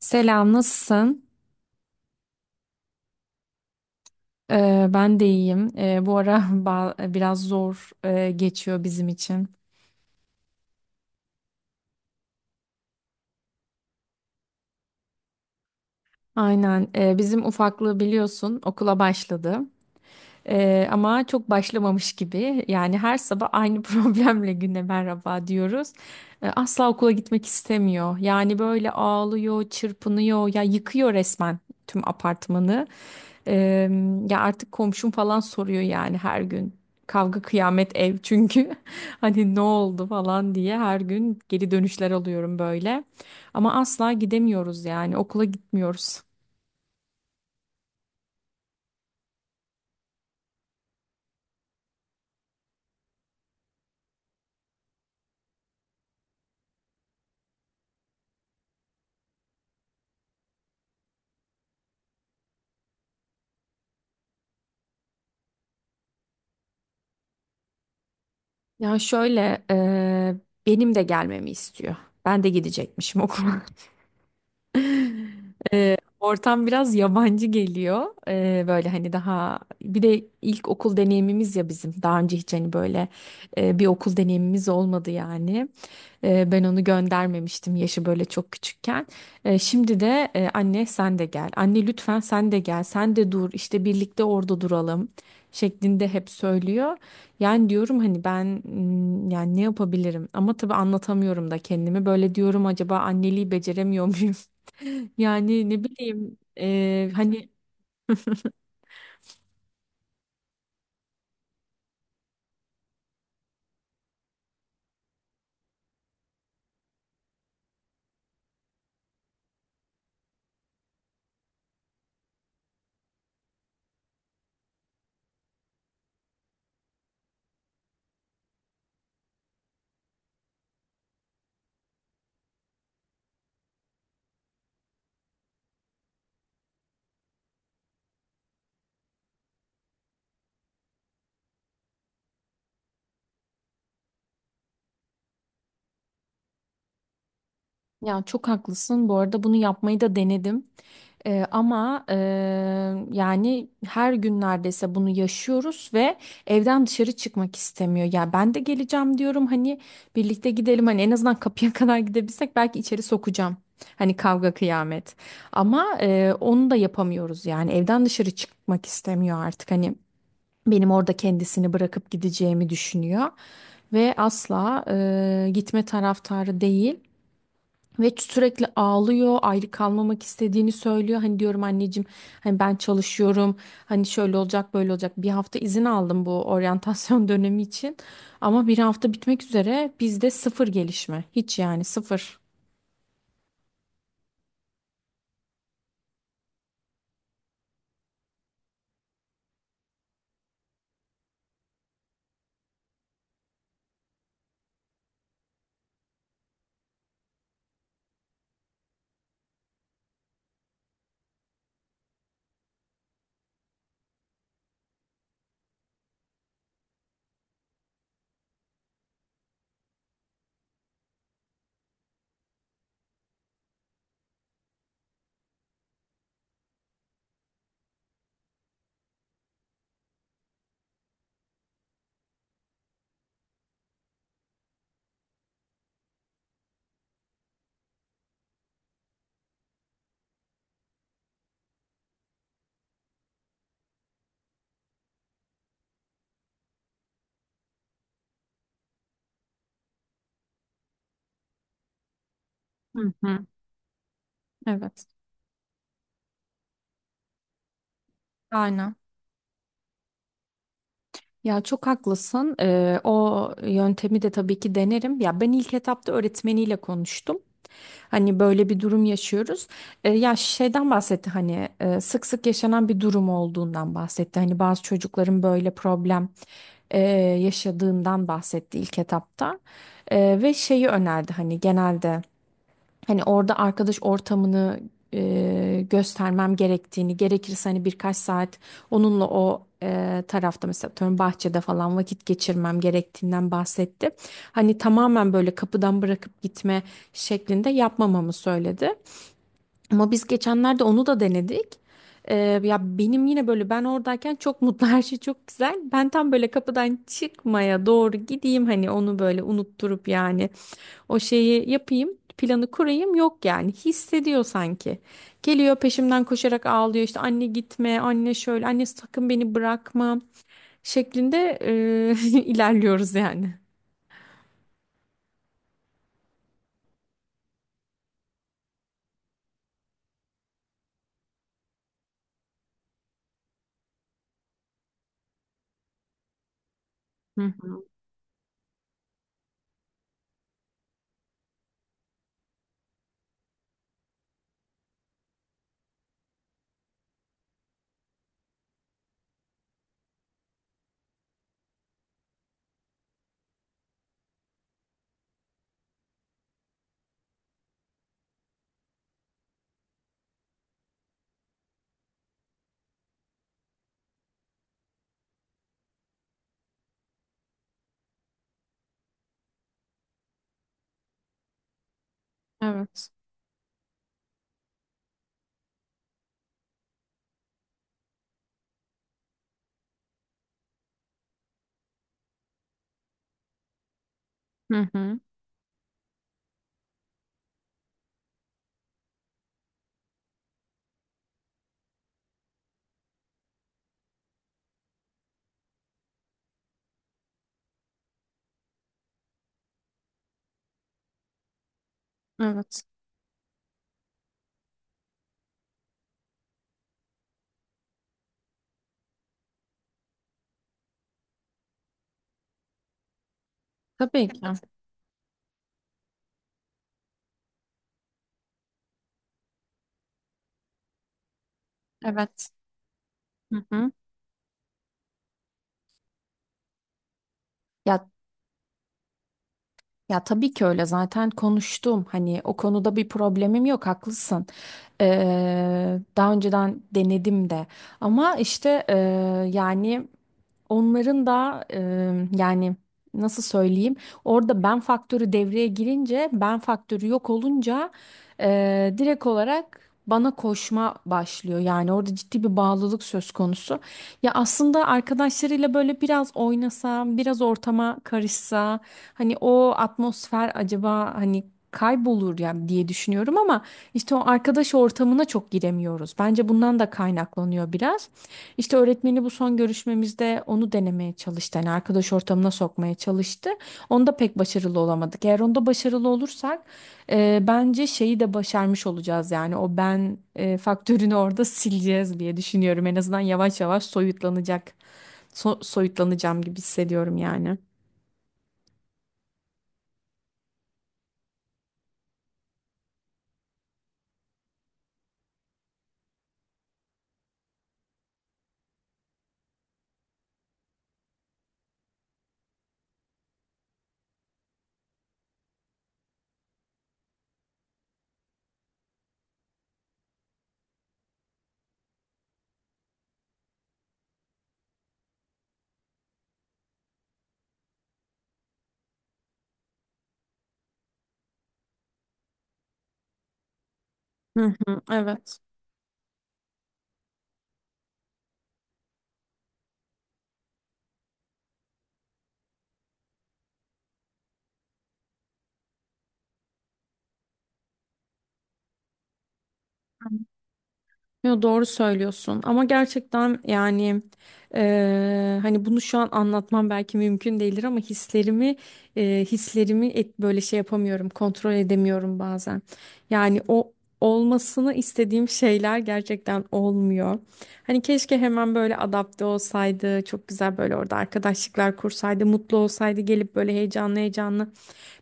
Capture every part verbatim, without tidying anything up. Selam, nasılsın? Ee, ben de iyiyim. Ee, bu ara ba- biraz zor e, geçiyor bizim için. Aynen, e, bizim ufaklığı biliyorsun okula başladı. Ee, ama çok başlamamış gibi. Yani her sabah aynı problemle güne merhaba diyoruz. Ee, asla okula gitmek istemiyor. Yani böyle ağlıyor, çırpınıyor, ya yıkıyor resmen tüm apartmanı. Ee, ya artık komşum falan soruyor yani her gün. Kavga kıyamet ev çünkü hani ne oldu falan diye her gün geri dönüşler alıyorum böyle. Ama asla gidemiyoruz yani okula gitmiyoruz. Ya şöyle eee, benim de gelmemi istiyor. Ben de gidecekmişim okula. Eee, ortam biraz yabancı geliyor. Eee, böyle hani daha bir de ilk okul deneyimimiz ya bizim. Daha önce hiç hani böyle eee, bir okul deneyimimiz olmadı yani. E, ben onu göndermemiştim yaşı böyle çok küçükken. E, şimdi de e, anne sen de gel. Anne lütfen sen de gel. Sen de dur. İşte birlikte orada duralım şeklinde hep söylüyor. Yani diyorum hani ben mm, yani ne yapabilirim? Ama tabii anlatamıyorum da kendimi. Böyle diyorum acaba anneliği beceremiyor muyum? Yani ne bileyim e, hani ya çok haklısın. Bu arada bunu yapmayı da denedim. Eee, ama eee, yani her gün neredeyse bunu yaşıyoruz ve evden dışarı çıkmak istemiyor. Ya ben de geleceğim diyorum hani birlikte gidelim hani en azından kapıya kadar gidebilsek belki içeri sokacağım. Hani kavga kıyamet. Ama eee, onu da yapamıyoruz yani evden dışarı çıkmak istemiyor artık hani benim orada kendisini bırakıp gideceğimi düşünüyor ve asla eee, gitme taraftarı değil. Ve sürekli ağlıyor, ayrı kalmamak istediğini söylüyor. Hani diyorum anneciğim, hani ben çalışıyorum, hani şöyle olacak, böyle olacak. Bir hafta izin aldım bu oryantasyon dönemi için. Ama bir hafta bitmek üzere bizde sıfır gelişme. Hiç yani sıfır. Hı hı. Evet. Aynen. Ya çok haklısın. Ee, o yöntemi de tabii ki denerim. Ya ben ilk etapta öğretmeniyle konuştum. Hani böyle bir durum yaşıyoruz. Ee, ya şeyden bahsetti hani e, sık sık yaşanan bir durum olduğundan bahsetti. Hani bazı çocukların böyle problem e, yaşadığından bahsetti ilk etapta. E, ve şeyi önerdi hani genelde. Hani orada arkadaş ortamını e, göstermem gerektiğini, gerekirse hani birkaç saat onunla o e, tarafta mesela atıyorum bahçede falan vakit geçirmem gerektiğinden bahsetti. Hani tamamen böyle kapıdan bırakıp gitme şeklinde yapmamamı söyledi. Ama biz geçenlerde onu da denedik. E, ya benim yine böyle ben oradayken çok mutlu her şey çok güzel. Ben tam böyle kapıdan çıkmaya doğru gideyim hani onu böyle unutturup yani o şeyi yapayım, planı kurayım yok yani. Hissediyor sanki. Geliyor peşimden koşarak ağlıyor işte anne gitme, anne şöyle, anne sakın beni bırakma şeklinde e, ilerliyoruz yani. Evet. Hı hı. Evet. Tabii ki. Evet. Evet. Hı hı. Ya ya tabii ki öyle zaten konuştum hani o konuda bir problemim yok haklısın. Ee, daha önceden denedim de ama işte e, yani onların da e, yani nasıl söyleyeyim orada ben faktörü devreye girince ben faktörü yok olunca e, direkt olarak bana koşma başlıyor. Yani orada ciddi bir bağlılık söz konusu. Ya aslında arkadaşlarıyla böyle biraz oynasa biraz ortama karışsa hani o atmosfer acaba hani kaybolur ya diye düşünüyorum ama işte o arkadaş ortamına çok giremiyoruz. Bence bundan da kaynaklanıyor biraz. İşte öğretmeni bu son görüşmemizde onu denemeye çalıştı. Yani arkadaş ortamına sokmaya çalıştı. Onda pek başarılı olamadık. Eğer onda başarılı olursak e, bence şeyi de başarmış olacağız. Yani o ben e, faktörünü orada sileceğiz diye düşünüyorum. En azından yavaş yavaş soyutlanacak. So- soyutlanacağım gibi hissediyorum yani. Hı hı, evet. Hı. Yo, doğru söylüyorsun ama gerçekten yani eee, hani bunu şu an anlatmam belki mümkün değildir ama hislerimi eee, hislerimi et, böyle şey yapamıyorum kontrol edemiyorum bazen. Yani o olmasını istediğim şeyler gerçekten olmuyor. Hani keşke hemen böyle adapte olsaydı çok güzel böyle orada arkadaşlıklar kursaydı mutlu olsaydı gelip böyle heyecanlı heyecanlı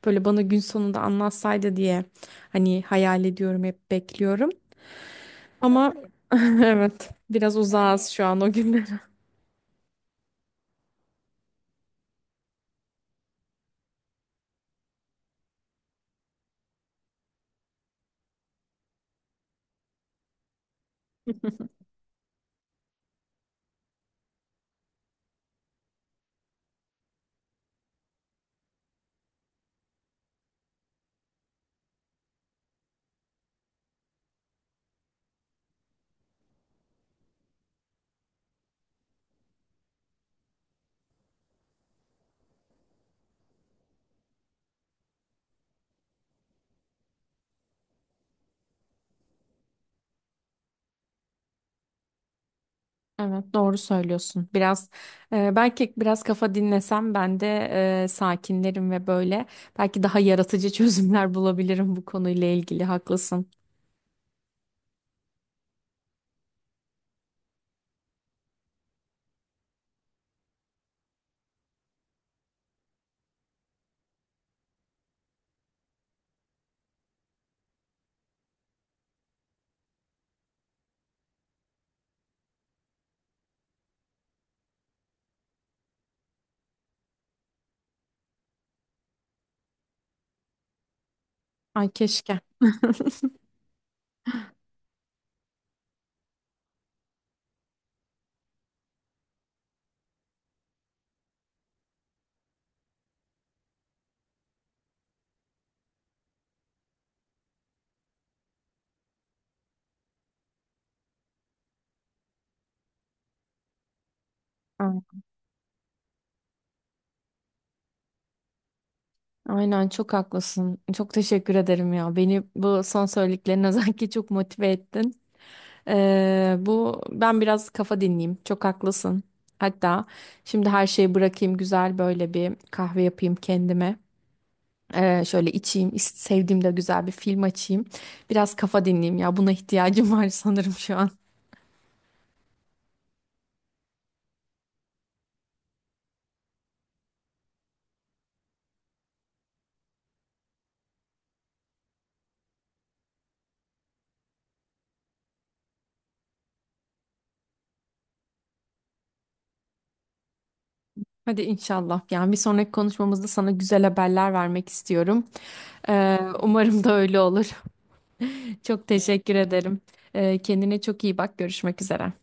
böyle bana gün sonunda anlatsaydı diye hani hayal ediyorum hep bekliyorum. Ama evet biraz uzağız şu an o günlere. Evet, doğru söylüyorsun. Biraz e, belki biraz kafa dinlesem ben de e, sakinlerim ve böyle belki daha yaratıcı çözümler bulabilirim bu konuyla ilgili. Haklısın. Ay keşke. Ay- aynen çok haklısın. Çok teşekkür ederim ya. Beni bu son söylediklerin özellikle çok motive ettin. Ee, bu ben biraz kafa dinleyeyim. Çok haklısın. Hatta şimdi her şeyi bırakayım güzel böyle bir kahve yapayım kendime. Ee, şöyle içeyim, is- sevdiğim de güzel bir film açayım. Biraz kafa dinleyeyim ya. Buna ihtiyacım var sanırım şu an. Hadi inşallah. Yani bir sonraki konuşmamızda sana güzel haberler vermek istiyorum. Ee, umarım da öyle olur. Çok teşekkür ederim. Ee, kendine çok iyi bak. Görüşmek üzere.